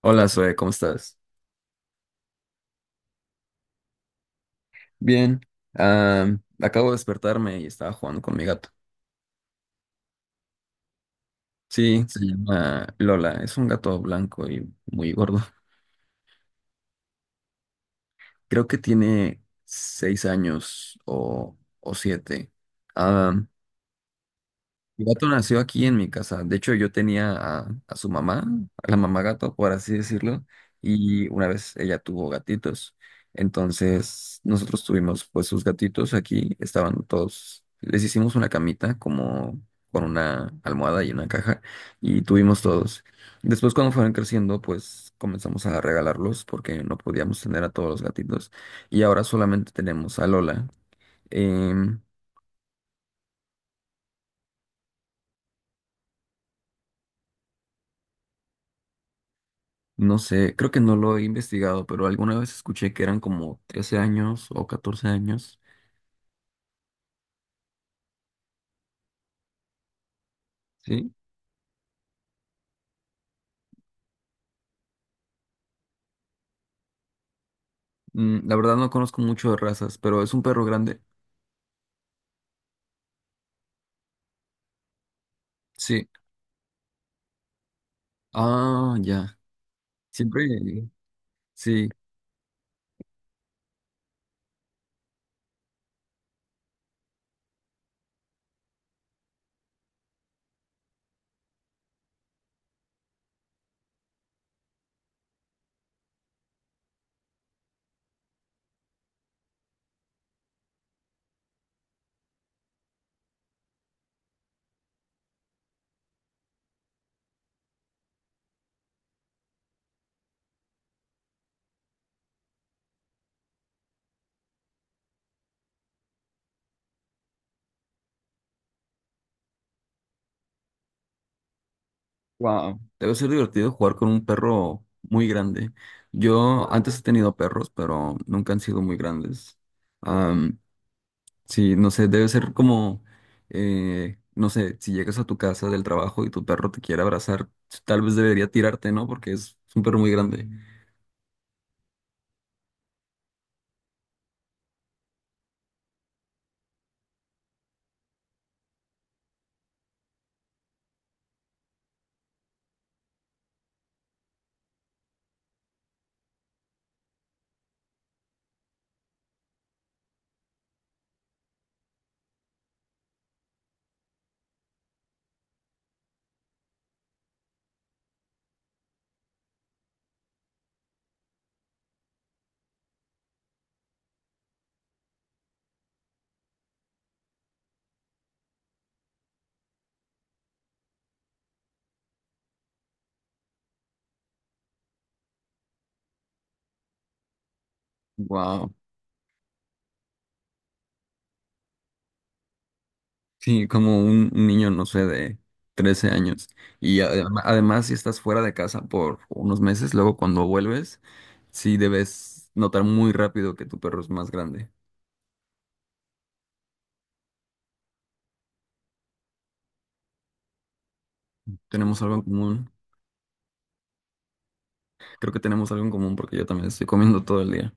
Hola, Zoe, ¿cómo estás? Bien, acabo de despertarme y estaba jugando con mi gato. Sí, se llama Lola, es un gato blanco y muy gordo. Creo que tiene seis años o siete. Mi gato nació aquí en mi casa. De hecho, yo tenía a su mamá, a la mamá gato, por así decirlo, y una vez ella tuvo gatitos. Entonces, nosotros tuvimos pues sus gatitos aquí, estaban todos, les hicimos una camita como con una almohada y una caja, y tuvimos todos. Después, cuando fueron creciendo, pues comenzamos a regalarlos porque no podíamos tener a todos los gatitos, y ahora solamente tenemos a Lola. Em, No sé, creo que no lo he investigado, pero alguna vez escuché que eran como 13 años o 14 años. Sí. Mm, la verdad no conozco mucho de razas, pero es un perro grande. Sí. Ah, ya. Siempre. Sí. Wow. Debe ser divertido jugar con un perro muy grande. Yo antes he tenido perros, pero nunca han sido muy grandes. Sí, no sé, debe ser como, no sé, si llegas a tu casa del trabajo y tu perro te quiere abrazar, tal vez debería tirarte, ¿no? Porque es un perro muy grande. Wow. Sí, como un niño, no sé, de 13 años. Y además, si estás fuera de casa por unos meses, luego cuando vuelves, sí debes notar muy rápido que tu perro es más grande. Tenemos algo en común. Creo que tenemos algo en común porque yo también estoy comiendo todo el día.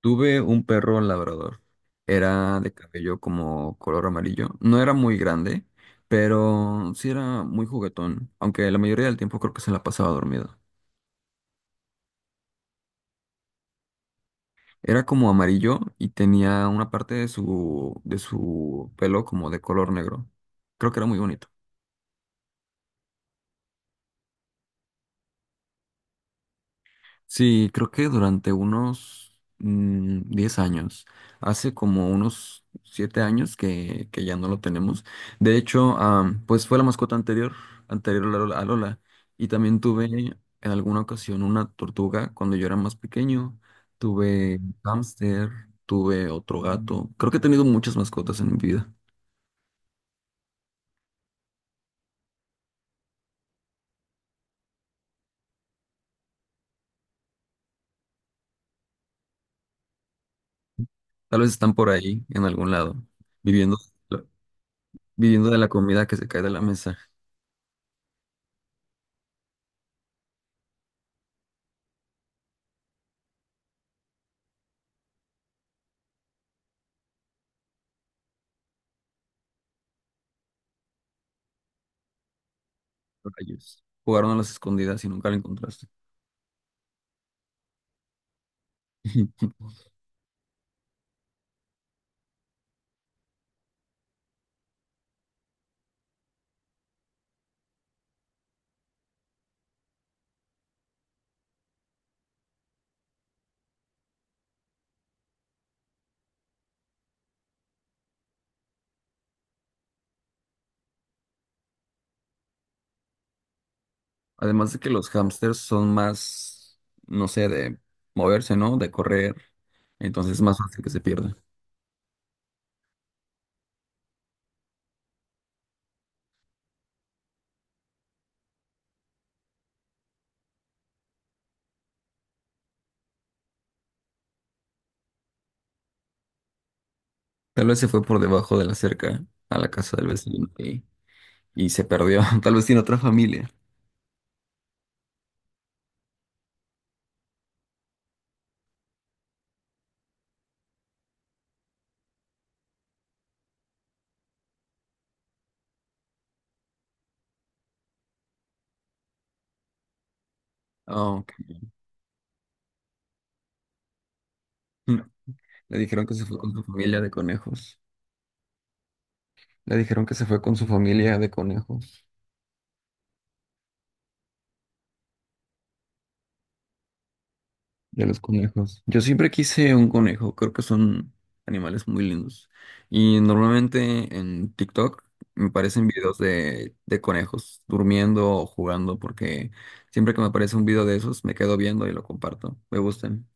Tuve un perro labrador. Era de cabello como color amarillo. No era muy grande, pero sí era muy juguetón, aunque la mayoría del tiempo creo que se la pasaba dormido. Era como amarillo y tenía una parte de su pelo como de color negro. Creo que era muy bonito. Sí, creo que durante unos 10 años, hace como unos 7 años que ya no lo tenemos. De hecho, pues fue la mascota anterior, anterior a Lola, a Lola. Y también tuve en alguna ocasión una tortuga cuando yo era más pequeño. Tuve un hámster, tuve otro gato. Creo que he tenido muchas mascotas en mi vida. Tal vez están por ahí, en algún lado, viviendo, viviendo de la comida que se cae de la mesa. Rayos. Jugaron a las escondidas y nunca la encontraste. Además de que los hámsters son más, no sé, de moverse, ¿no? De correr. Entonces es más fácil que se pierda. Tal vez se fue por debajo de la cerca a la casa del vecino y se perdió. Tal vez tiene otra familia. Ah, ok. Mm. Le dijeron que se fue con su familia de conejos. Le dijeron que se fue con su familia de conejos. De los conejos. Yo siempre quise un conejo, creo que son animales muy lindos. Y normalmente en TikTok me aparecen videos de conejos durmiendo o jugando, porque siempre que me aparece un video de esos me quedo viendo y lo comparto. Me gustan.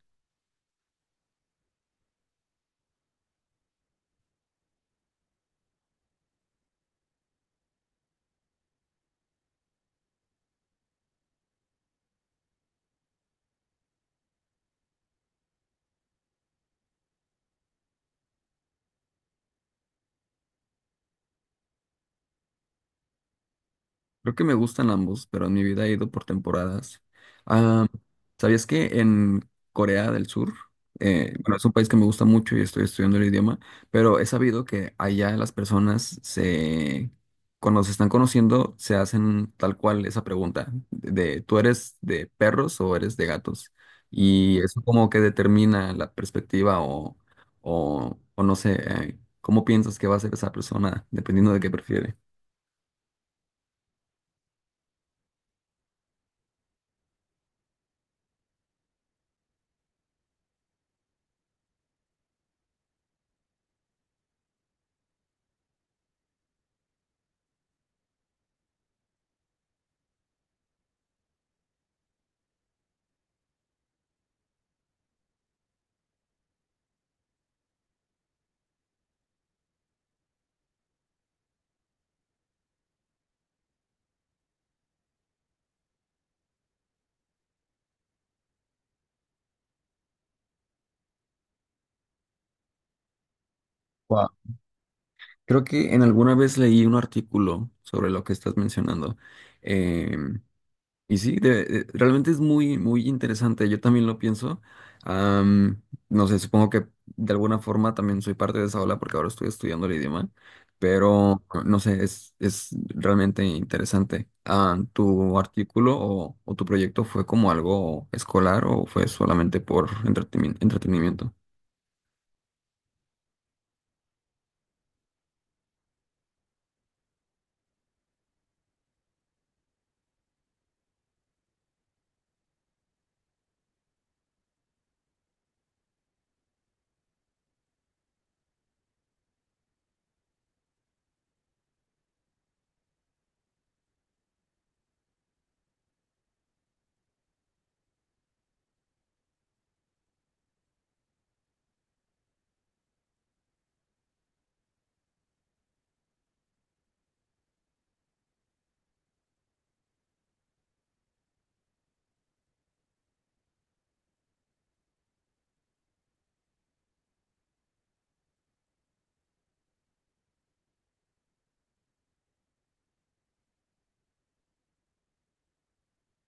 Creo que me gustan ambos, pero en mi vida he ido por temporadas. Ah, ¿sabías que en Corea del Sur, bueno, es un país que me gusta mucho y estoy estudiando el idioma, pero he sabido que allá las personas se, cuando se están conociendo, se hacen tal cual esa pregunta de, ¿tú eres de perros o eres de gatos? Y eso como que determina la perspectiva o no sé, cómo piensas que va a ser esa persona, dependiendo de qué prefiere. Creo que en alguna vez leí un artículo sobre lo que estás mencionando. Em, y sí, realmente es muy, muy interesante. Yo también lo pienso. Am, no sé, supongo que de alguna forma también soy parte de esa ola porque ahora estoy estudiando el idioma. Pero no sé, es realmente interesante. Ah, ¿tu artículo o tu proyecto fue como algo escolar o fue solamente por entretenimiento?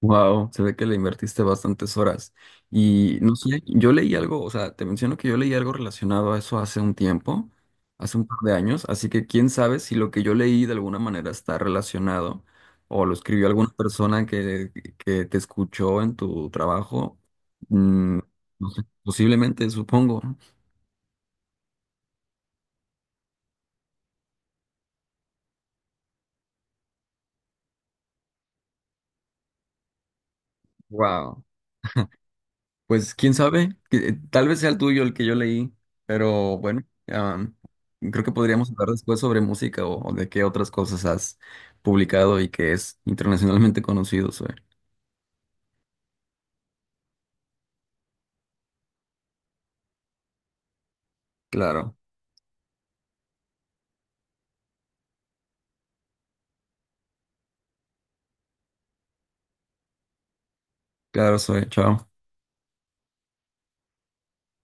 Wow, se ve que le invertiste bastantes horas. Y no sé, yo leí algo, o sea, te menciono que yo leí algo relacionado a eso hace un tiempo, hace un par de años, así que quién sabe si lo que yo leí de alguna manera está relacionado o lo escribió alguna persona que te escuchó en tu trabajo. Mm, no sé, posiblemente, supongo. Wow. Pues quién sabe, tal vez sea el tuyo el que yo leí, pero bueno, creo que podríamos hablar después sobre música o de qué otras cosas has publicado y que es internacionalmente conocido, Zoe. Claro, claro, Zoe, chao.